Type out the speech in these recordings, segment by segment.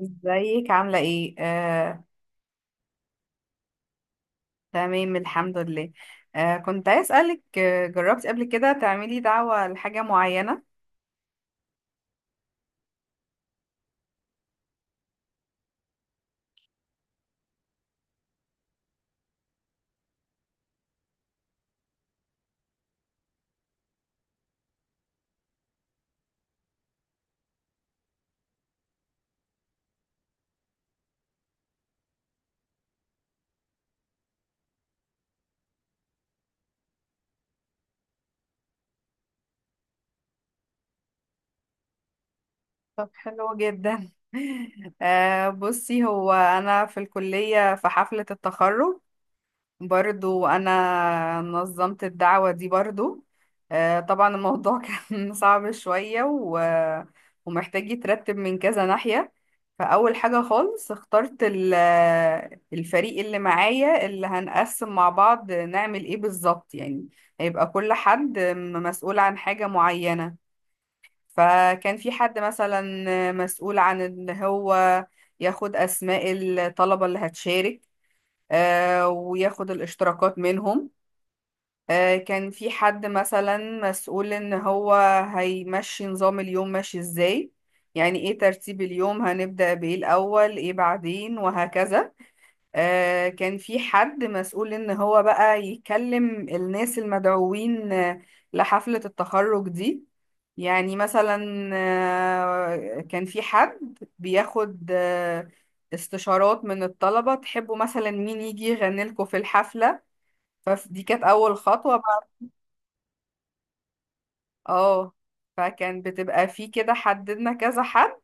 ازيك عاملة ايه؟ تمام الحمد لله. كنت عايز اسألك، جربتي قبل كده تعملي دعوة لحاجة معينة؟ طب حلو جدا. بصي، هو أنا في الكلية في حفلة التخرج برضو انا نظمت الدعوة دي برضو. طبعا الموضوع كان صعب شوية ومحتاج يترتب من كذا ناحية. فأول حاجة خالص اخترت الفريق اللي معايا اللي هنقسم مع بعض نعمل ايه بالظبط، يعني هيبقى كل حد مسؤول عن حاجة معينة. فكان في حد مثلا مسؤول عن ان هو ياخد اسماء الطلبة اللي هتشارك، وياخد الاشتراكات منهم. كان في حد مثلا مسؤول ان هو هيمشي نظام اليوم ماشي ازاي، يعني ايه ترتيب اليوم، هنبدأ بايه الاول، ايه بعدين، وهكذا. كان في حد مسؤول ان هو بقى يكلم الناس المدعوين لحفلة التخرج دي. يعني مثلا كان في حد بياخد استشارات من الطلبة، تحبوا مثلا مين يجي يغني لكم في الحفلة. فدي كانت اول خطوة بقى. اه، فكان بتبقى في كده حددنا كذا حد،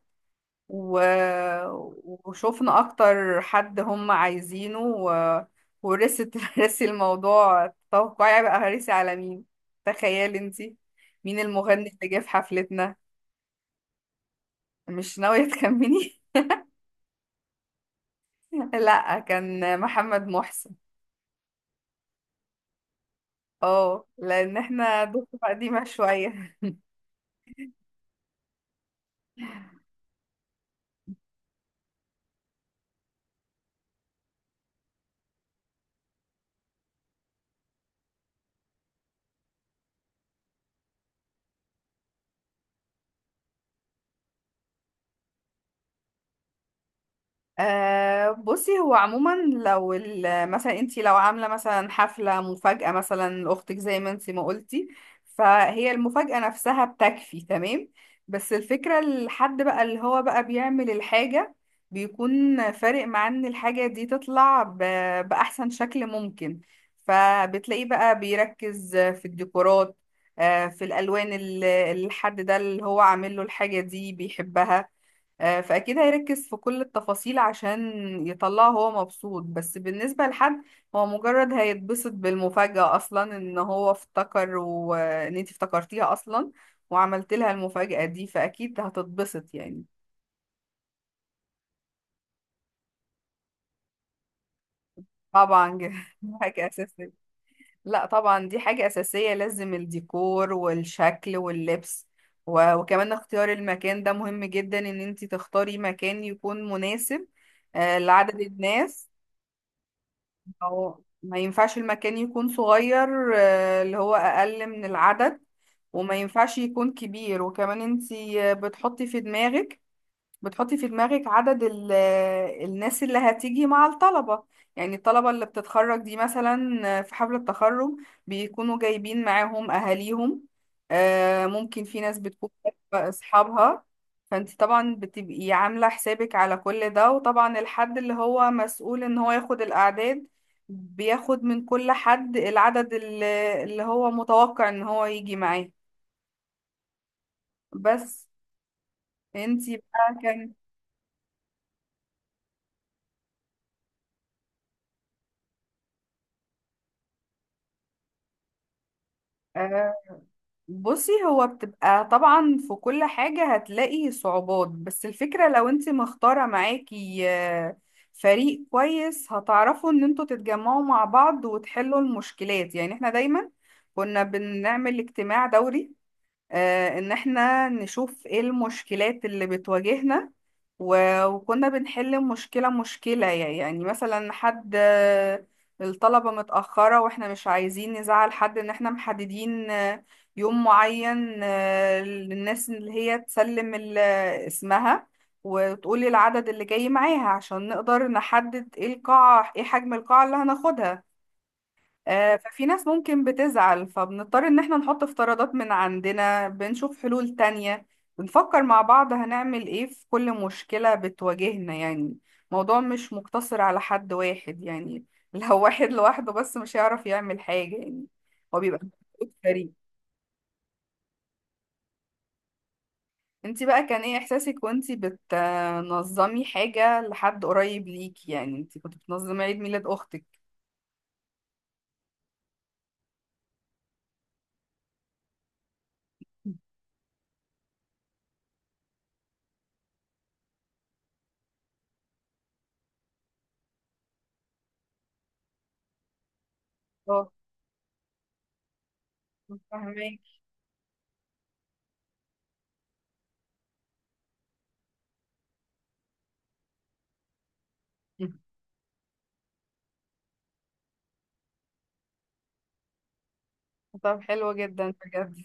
و... وشوفنا اكتر حد هم عايزينه، ورثت رثي الموضوع. توقعي بقى هرثي على مين، تخيلي انتي مين المغني اللي جه في حفلتنا. مش ناوية تخمني؟ لا، كان محمد محسن. اه، لان احنا دفعة قديمة شوية. أه بصي، هو عموما لو مثلا انتي لو عامله مثلا حفله مفاجاه مثلا لاختك زي ما انتي ما قلتي، فهي المفاجاه نفسها بتكفي تمام. بس الفكره الحد بقى اللي هو بقى بيعمل الحاجه بيكون فارق معاه ان الحاجه دي تطلع باحسن شكل ممكن. فبتلاقيه بقى بيركز في الديكورات، في الالوان اللي الحد ده اللي هو عامل له الحاجه دي بيحبها. فأكيد هيركز في كل التفاصيل عشان يطلعه هو مبسوط. بس بالنسبة لحد، هو مجرد هيتبسط بالمفاجأة أصلا إن هو افتكر، وإن أنت افتكرتيها أصلا وعملت لها المفاجأة دي، فأكيد هتتبسط يعني. طبعا دي حاجة أساسية. لا طبعا دي حاجة أساسية، لازم الديكور والشكل واللبس، وكمان اختيار المكان ده مهم جدا، إن أنت تختاري مكان يكون مناسب لعدد الناس. هو ما ينفعش المكان يكون صغير، اللي هو اقل من العدد، وما ينفعش يكون كبير. وكمان انتي بتحطي في دماغك، عدد الناس اللي هتيجي مع الطلبة. يعني الطلبة اللي بتتخرج دي مثلا، في حفلة التخرج، بيكونوا جايبين معاهم أهاليهم. ممكن في ناس بتكون جايبة أصحابها. فانت طبعا بتبقي عاملة حسابك على كل ده. وطبعا الحد اللي هو مسؤول ان هو ياخد الأعداد بياخد من كل حد العدد اللي هو متوقع ان هو يجي معاه. بس. انتي بقى كان آه، بصي، هو بتبقى طبعا في كل حاجة هتلاقي صعوبات، بس الفكرة لو انت مختارة معاكي فريق كويس، هتعرفوا ان انتوا تتجمعوا مع بعض وتحلوا المشكلات. يعني احنا دايما كنا بنعمل اجتماع دوري، ان احنا نشوف ايه المشكلات اللي بتواجهنا، وكنا بنحل مشكلة مشكلة. يعني مثلا حد الطلبة متأخرة واحنا مش عايزين نزعل حد، ان احنا محددين يوم معين للناس اللي هي تسلم اسمها وتقولي العدد اللي جاي معاها، عشان نقدر نحدد ايه القاعة، ايه حجم القاعة اللي هناخدها. ففي ناس ممكن بتزعل، فبنضطر ان احنا نحط افتراضات من عندنا، بنشوف حلول تانية، بنفكر مع بعض هنعمل ايه في كل مشكلة بتواجهنا يعني. الموضوع مش مقتصر على حد واحد يعني. لو واحد لوحده بس مش هيعرف يعمل حاجة يعني، هو بيبقى مجهود فريق. انتي بقى كان ايه احساسك وانتي بتنظمي حاجة لحد قريب ليكي؟ يعني انتي كنت بتنظمي عيد ميلاد اختك. اه فاهمك. طب حلو جدا بجد.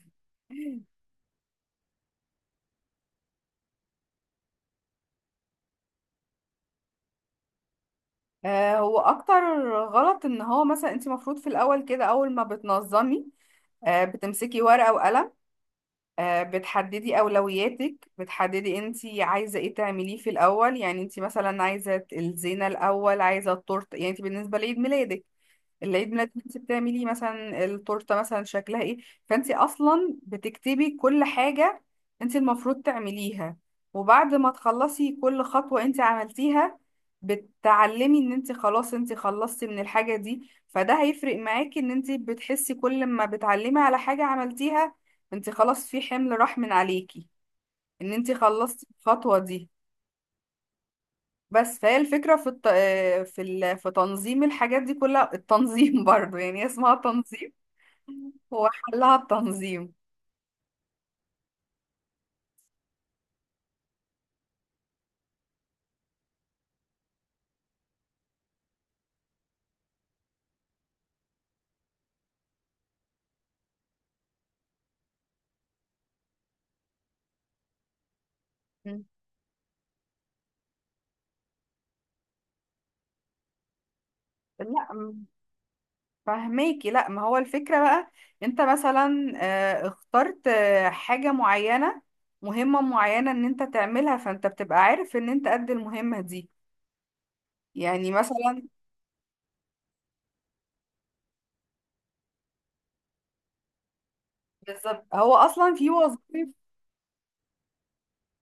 هو اكتر غلط ان هو مثلا انت المفروض في الاول كده اول ما بتنظمي بتمسكي ورقة وقلم، بتحددي اولوياتك، بتحددي انت عايزة ايه تعمليه في الاول. يعني انت مثلا عايزة الزينة الاول، عايزة التورت. يعني انت بالنسبة لعيد ميلادك، العيد ميلاد انت بتعملي مثلا التورته مثلا شكلها ايه. فانت اصلا بتكتبي كل حاجه انت المفروض تعمليها، وبعد ما تخلصي كل خطوه انت عملتيها بتعلمي ان انت خلاص انت خلصتي من الحاجه دي. فده هيفرق معاكي ان انت بتحسي كل ما بتعلمي على حاجه عملتيها، انت خلاص في حمل راح من عليكي، ان انت خلصتي الخطوه دي. بس، فهي الفكرة في في في تنظيم الحاجات دي كلها التنظيم. برضو يعني هي اسمها تنظيم، هو حلها التنظيم. مم. لا م- فهماكي؟ لا، ما هو الفكرة بقى، انت مثلا اخترت حاجة معينة، مهمة معينة ان انت تعملها، فانت بتبقى عارف ان انت قد المهمة دي. يعني مثلا بالظبط، هو اصلا في وظائف،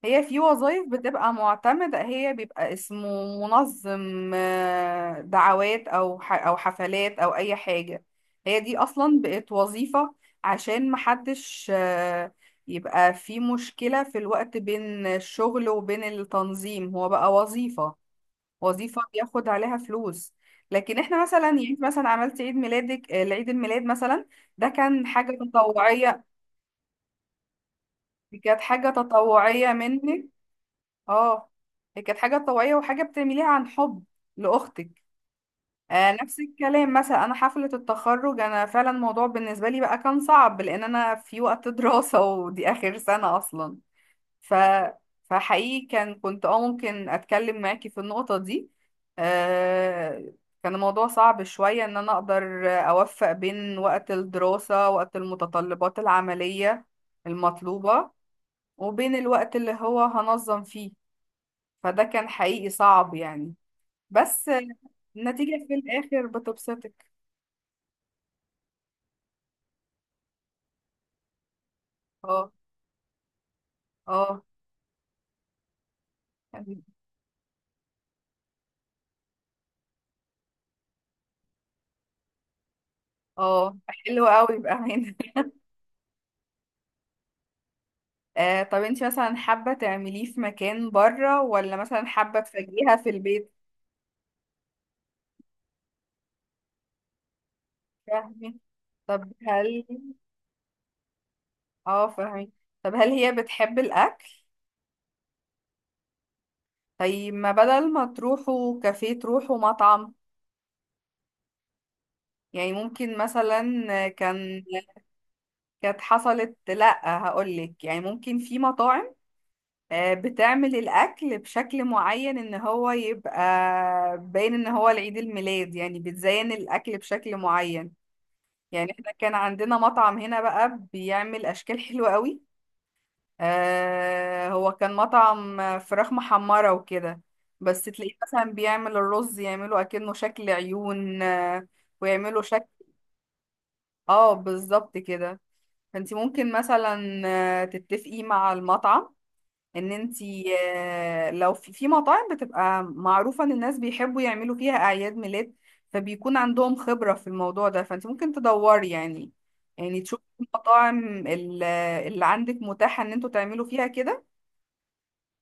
هي في وظائف بتبقى معتمدة، هي بيبقى اسمه منظم دعوات أو أو حفلات أو أي حاجة. هي دي أصلا بقت وظيفة، عشان محدش يبقى في مشكلة في الوقت بين الشغل وبين التنظيم، هو بقى وظيفة، وظيفة بياخد عليها فلوس. لكن احنا مثلا، يعني إنت مثلا عملت عيد ميلادك، العيد الميلاد مثلا ده كان حاجة تطوعية، كانت حاجة تطوعية منك. اه، هي كانت حاجة طوعية وحاجة بتعمليها عن حب لأختك. آه نفس الكلام مثلا، أنا حفلة التخرج أنا فعلا الموضوع بالنسبة لي بقى كان صعب، لأن أنا في وقت دراسة، ودي آخر سنة أصلا. ف... فحقيقي كان كنت اه ممكن أتكلم معاكي في النقطة دي. آه كان الموضوع صعب شوية، إن أنا أقدر أوفق بين وقت الدراسة، وقت المتطلبات العملية المطلوبة، وبين الوقت اللي هو هنظم فيه. فده كان حقيقي صعب يعني. بس النتيجة في الآخر بتبسطك. اه، اه، اه حلو قوي، يبقى هنا. آه طب انت مثلا حابة تعمليه في مكان بره، ولا مثلا حابة تفاجئيها في البيت؟ فاهمة. طب هل اه فاهمة، طب هل هي بتحب الأكل؟ طيب ما بدل ما تروحوا كافيه تروحوا مطعم. يعني ممكن مثلا كان، كانت حصلت، لأ هقولك. يعني ممكن في مطاعم بتعمل الأكل بشكل معين، إن هو يبقى باين إن هو العيد الميلاد، يعني بتزين الأكل بشكل معين. يعني إحنا كان عندنا مطعم هنا بقى بيعمل أشكال حلوة قوي، هو كان مطعم فراخ محمرة وكده، بس تلاقيه مثلا بيعمل الرز يعمله أكنه شكل عيون، ويعمله شكل. اه بالظبط كده. فانت ممكن مثلا تتفقي مع المطعم، ان انتي لو في في مطاعم بتبقى معروفة ان الناس بيحبوا يعملوا فيها اعياد ميلاد، فبيكون عندهم خبرة في الموضوع ده. فانت ممكن تدوري يعني، يعني تشوفي المطاعم ال- اللي عندك متاحة ان انتوا تعملوا فيها كده،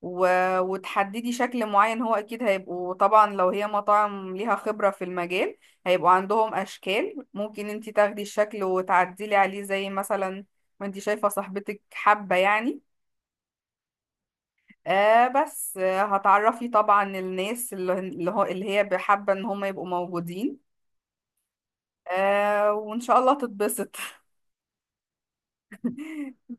وتحددي شكل معين. هو اكيد هيبقوا طبعا لو هي مطاعم ليها خبرة في المجال، هيبقوا عندهم اشكال، ممكن انتي تاخدي الشكل وتعدلي عليه زي مثلا ما انتي شايفة صاحبتك حابة يعني. آه بس آه هتعرفي طبعا الناس اللي اللي هو اللي هي حابة ان هم يبقوا موجودين. آه وان شاء الله تتبسط.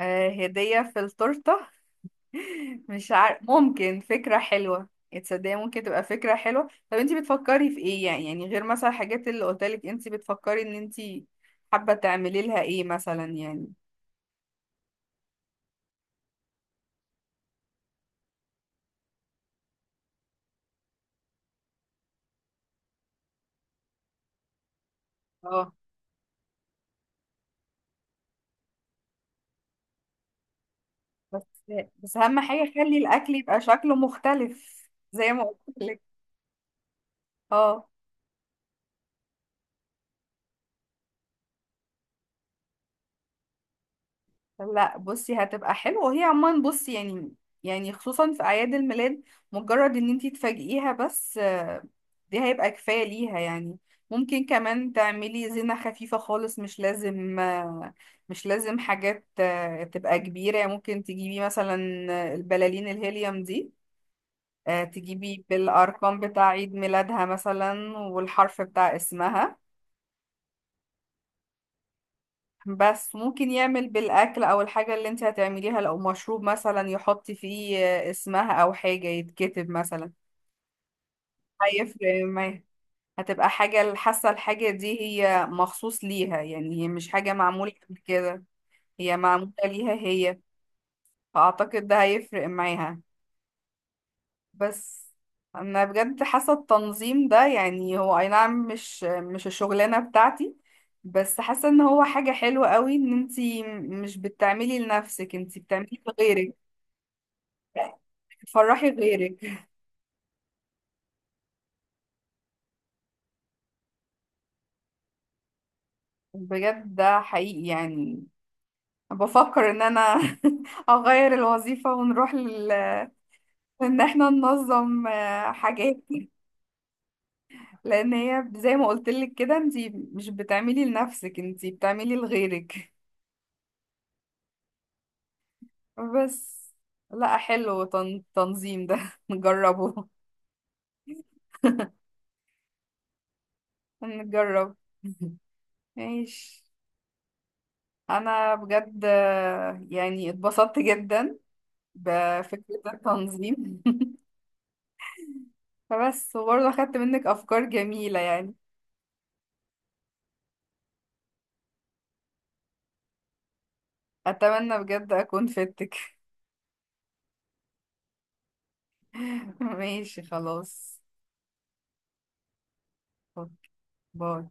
آه هدية في التورتة. مش عارف، ممكن فكرة حلوة. تصدقي ممكن تبقى فكرة حلوة. طب انتي بتفكري في ايه يعني، يعني غير مثلا الحاجات اللي قلتلك، انتي بتفكري ان انتي حابة تعملي لها ايه مثلا يعني. اه بس، بس اهم حاجة خلي الاكل يبقى شكله مختلف زي ما قلت لك. اه لا بصي هتبقى حلوة، وهي عموما بصي يعني، يعني خصوصا في أعياد الميلاد مجرد ان انتي تفاجئيها بس دي هيبقى كفاية ليها يعني. ممكن كمان تعملي زينة خفيفة خالص، مش لازم مش لازم حاجات تبقى كبيرة. يعني ممكن تجيبي مثلا البلالين الهيليوم دي، تجيبي بالأرقام بتاع عيد ميلادها مثلا والحرف بتاع اسمها. بس ممكن يعمل بالأكل، أو الحاجة اللي انت هتعمليها لو مشروب مثلا يحط فيه اسمها، أو حاجة يتكتب مثلا، هيفرق معاه. هتبقى حاجة حاسة الحاجة دي هي مخصوص ليها، يعني هي مش حاجة معمولة قبل كده، هي معمولة ليها هي. فأعتقد ده هيفرق معاها. بس، انا بجد حاسه التنظيم ده يعني، هو اي نعم مش الشغلانه بتاعتي، بس حاسه ان هو حاجه حلوه قوي ان انتي مش بتعملي لنفسك، انتي بتعملي لغيرك، بتفرحي غيرك. بجد ده حقيقي يعني. بفكر ان انا اغير الوظيفه ونروح ان احنا ننظم حاجات. لان هي زي ما قلت لك كده، انتي مش بتعملي لنفسك، انتي بتعملي لغيرك. بس، لا حلو تنظيم ده نجربه. نجرب. ماشي. انا بجد يعني اتبسطت جدا بفكرة التنظيم. فبس، وبرضه اخدت منك افكار جميلة يعني. اتمنى بجد اكون فدتك. ماشي خلاص. أوكي. باي.